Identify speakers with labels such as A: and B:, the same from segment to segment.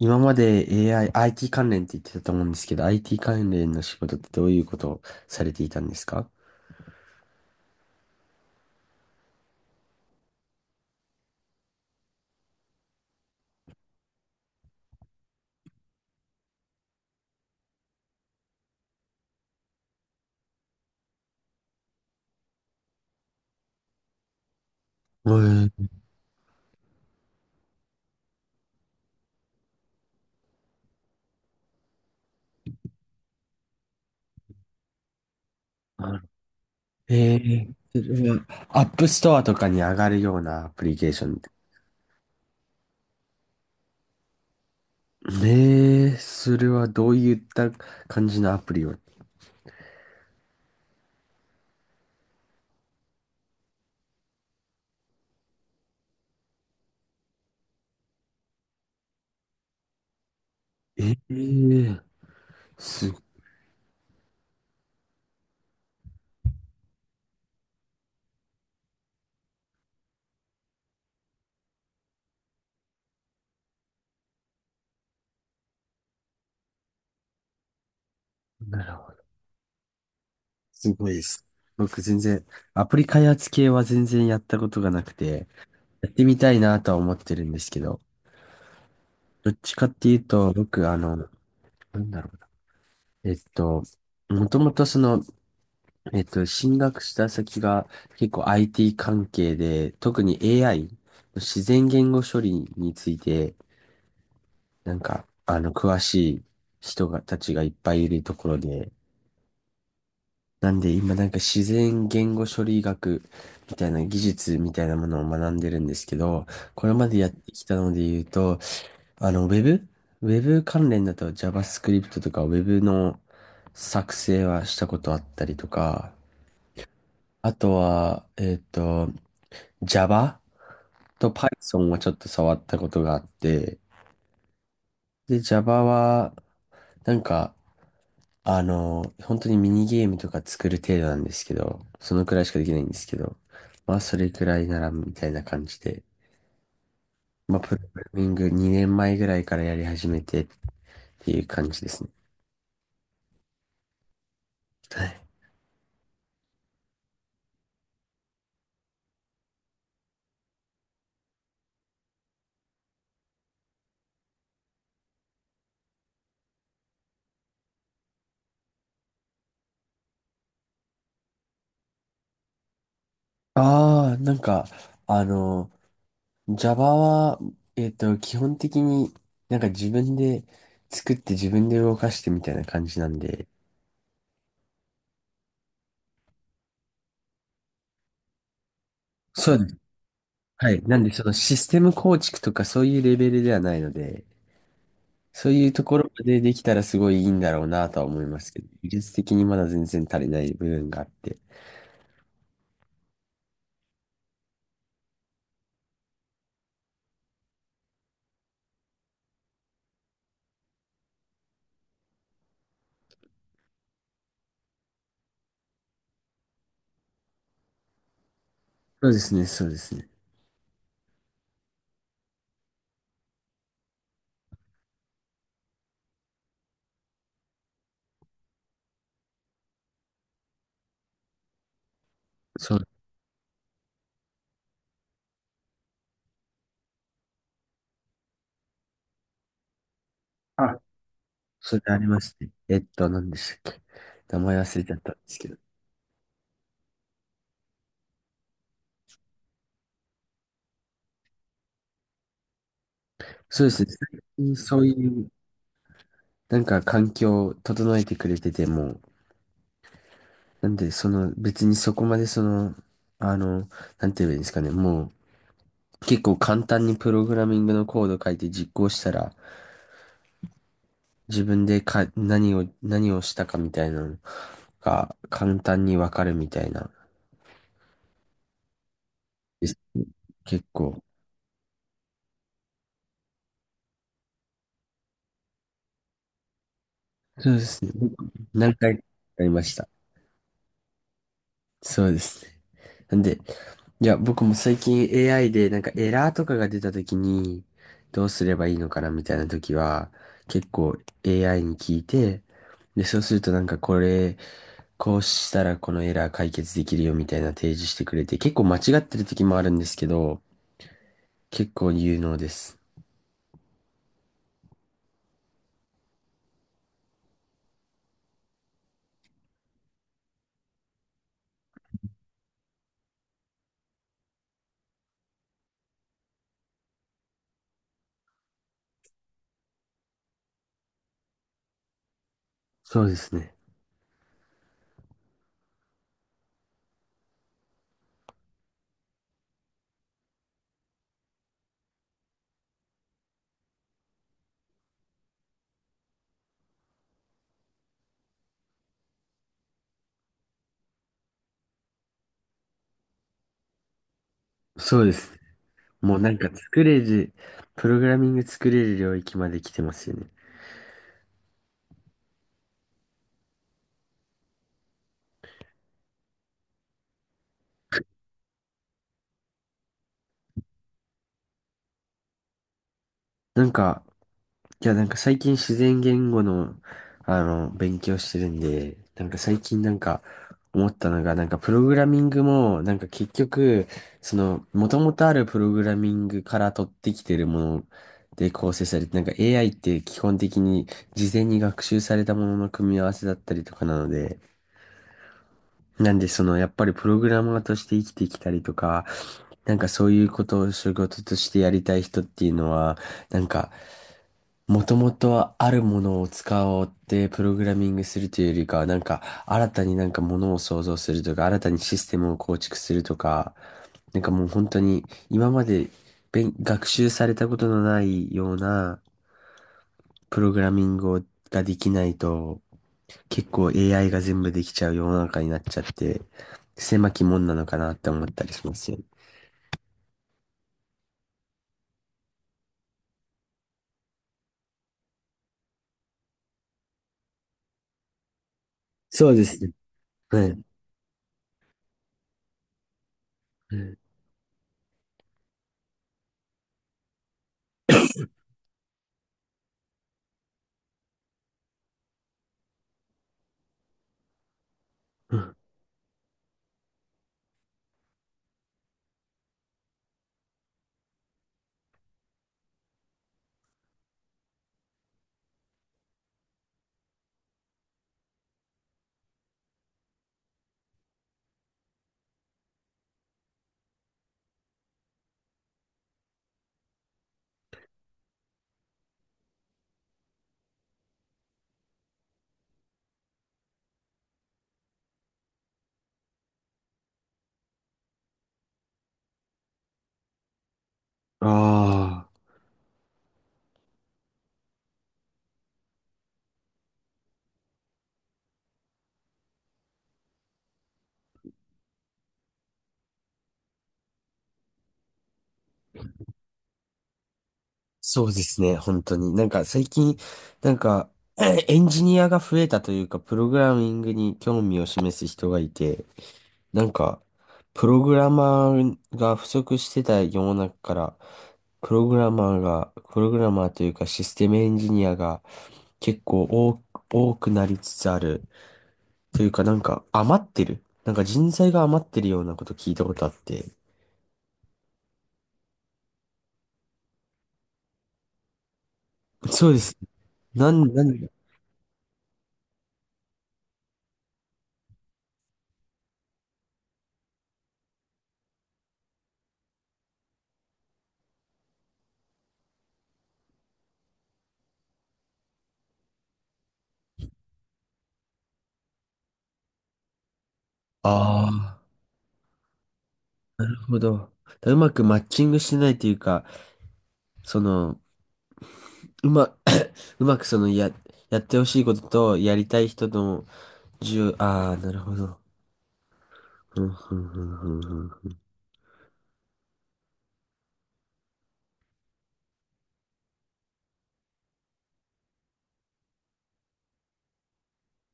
A: 今まで AI、IT 関連って言ってたと思うんですけど、IT 関連の仕事ってどういうことをされていたんですか？えー、えそれはアップストアとかに上がるようなアプリケーション。それはどういった感じのアプリを。えー、す、なるほど。すごいです。僕全然、アプリ開発系は全然やったことがなくて、やってみたいなとは思ってるんですけど、どっちかっていうと、僕、なんだろう。えっと、もともとその、進学した先が結構 IT 関係で、特に AI、自然言語処理について、詳しいたちがいっぱいいるところで、なんで今なんか自然言語処理学みたいな技術みたいなものを学んでるんですけど、これまでやってきたので言うと、あの、ウェブ関連だと JavaScript とか Web の作成はしたことあったりとか、あとは、Java と Python はちょっと触ったことがあって、で、Java は、なんか、本当にミニゲームとか作る程度なんですけど、そのくらいしかできないんですけど、まあ、それくらいなら、みたいな感じで、まあ、プログラミング2年前ぐらいからやり始めてっていう感じですね。はい。ああ、なんか、あの、Java は、基本的になんか自分で作って自分で動かしてみたいな感じなんで、そうです。はい。なんで、そのシステム構築とかそういうレベルではないので、そういうところまでできたらすごいいいんだろうなとは思いますけど、技術的にまだ全然足りない部分があって。そうですね。そう。あ、それありますね。えっと、何でしたっけ、名前忘れちゃったんですけど。そうですね。最近そういうなんか環境を整えてくれてても、なんでその別にそこまでその、あの、なんて言えばいいんですかね、もう結構簡単にプログラミングのコード書いて実行したら、自分でか、何をしたかみたいなのが簡単にわかるみたいなです。結構。そうですね。何回かやりました。そうですね。なんで、いや、僕も最近 AI でなんかエラーとかが出た時に、どうすればいいのかなみたいな時は、結構 AI に聞いて、で、そうするとなんかこれ、こうしたらこのエラー解決できるよみたいな提示してくれて、結構間違ってる時もあるんですけど、結構有能です。そうですね。そうです。もうなんか作れる、プログラミング作れる領域まで来てますよね。なんか、いや、なんか最近自然言語の、あの、勉強してるんで、なんか最近なんか思ったのが、なんかプログラミングも、なんか結局、その、元々あるプログラミングから取ってきてるもので構成されて、なんか AI って基本的に事前に学習されたものの組み合わせだったりとかなので、なんでその、やっぱりプログラマーとして生きてきたりとか、なんかそういうことを仕事としてやりたい人っていうのは、なんか、もともとはあるものを使おうってプログラミングするというよりかは、なんか新たになんかものを創造するとか、新たにシステムを構築するとか、なんかもう本当に今まで勉学習されたことのないようなプログラミングをができないと、結構 AI が全部できちゃう世の中になっちゃって、狭き門なのかなって思ったりしますよね。そうですね。はい。うん。ああー。そうですね、本当に。なんか最近、なんか、エンジニアが増えたというか、プログラミングに興味を示す人がいて、なんか、プログラマーが不足してた世の中から、プログラマーというかシステムエンジニアが結構多多くなりつつある。というかなんか余ってる。なんか人材が余ってるようなこと聞いたことあって。そうです。なん、なん、あ、なるほど。だからうまくマッチングしてないというか、その、うま、うまくそのや、やってほしいことと、やりたい人の重、ああ、なるほど。ふんふんふんふんふんふん、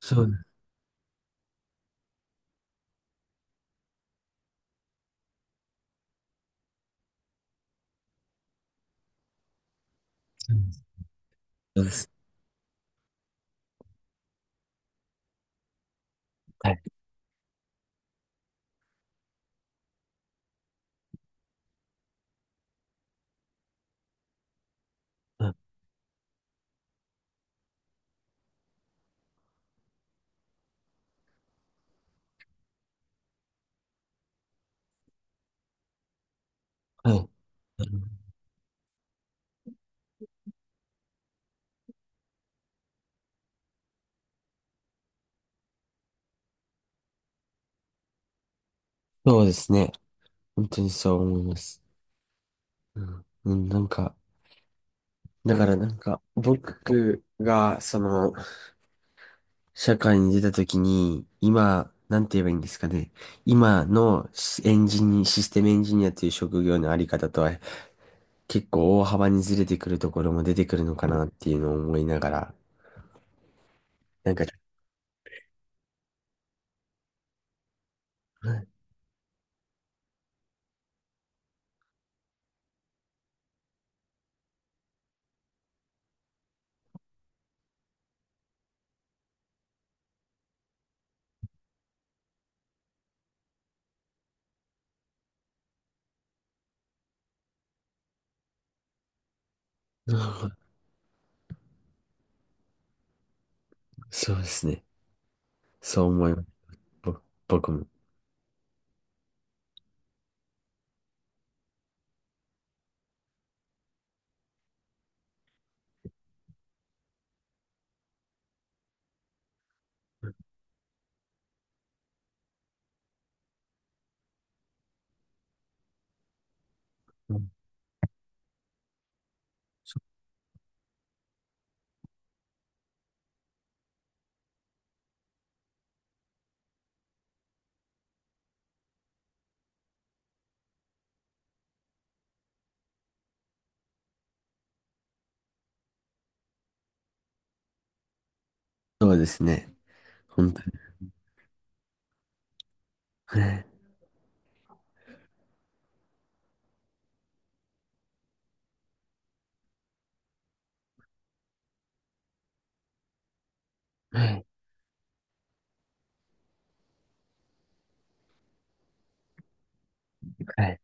A: そうなんです。はい。あ、はい。そうですね。本当にそう思います。うん、うん、なんか、だからなんか、僕が、その、社会に出た時に、今、なんて言えばいいんですかね。今のシステムエンジニアという職業のあり方とは結構大幅にずれてくるところも出てくるのかなっていうのを思いながら、なんか、うん、そうですね。そう思います。ぼ僕も。うん、そうですね。本当に。はい。はい。はい。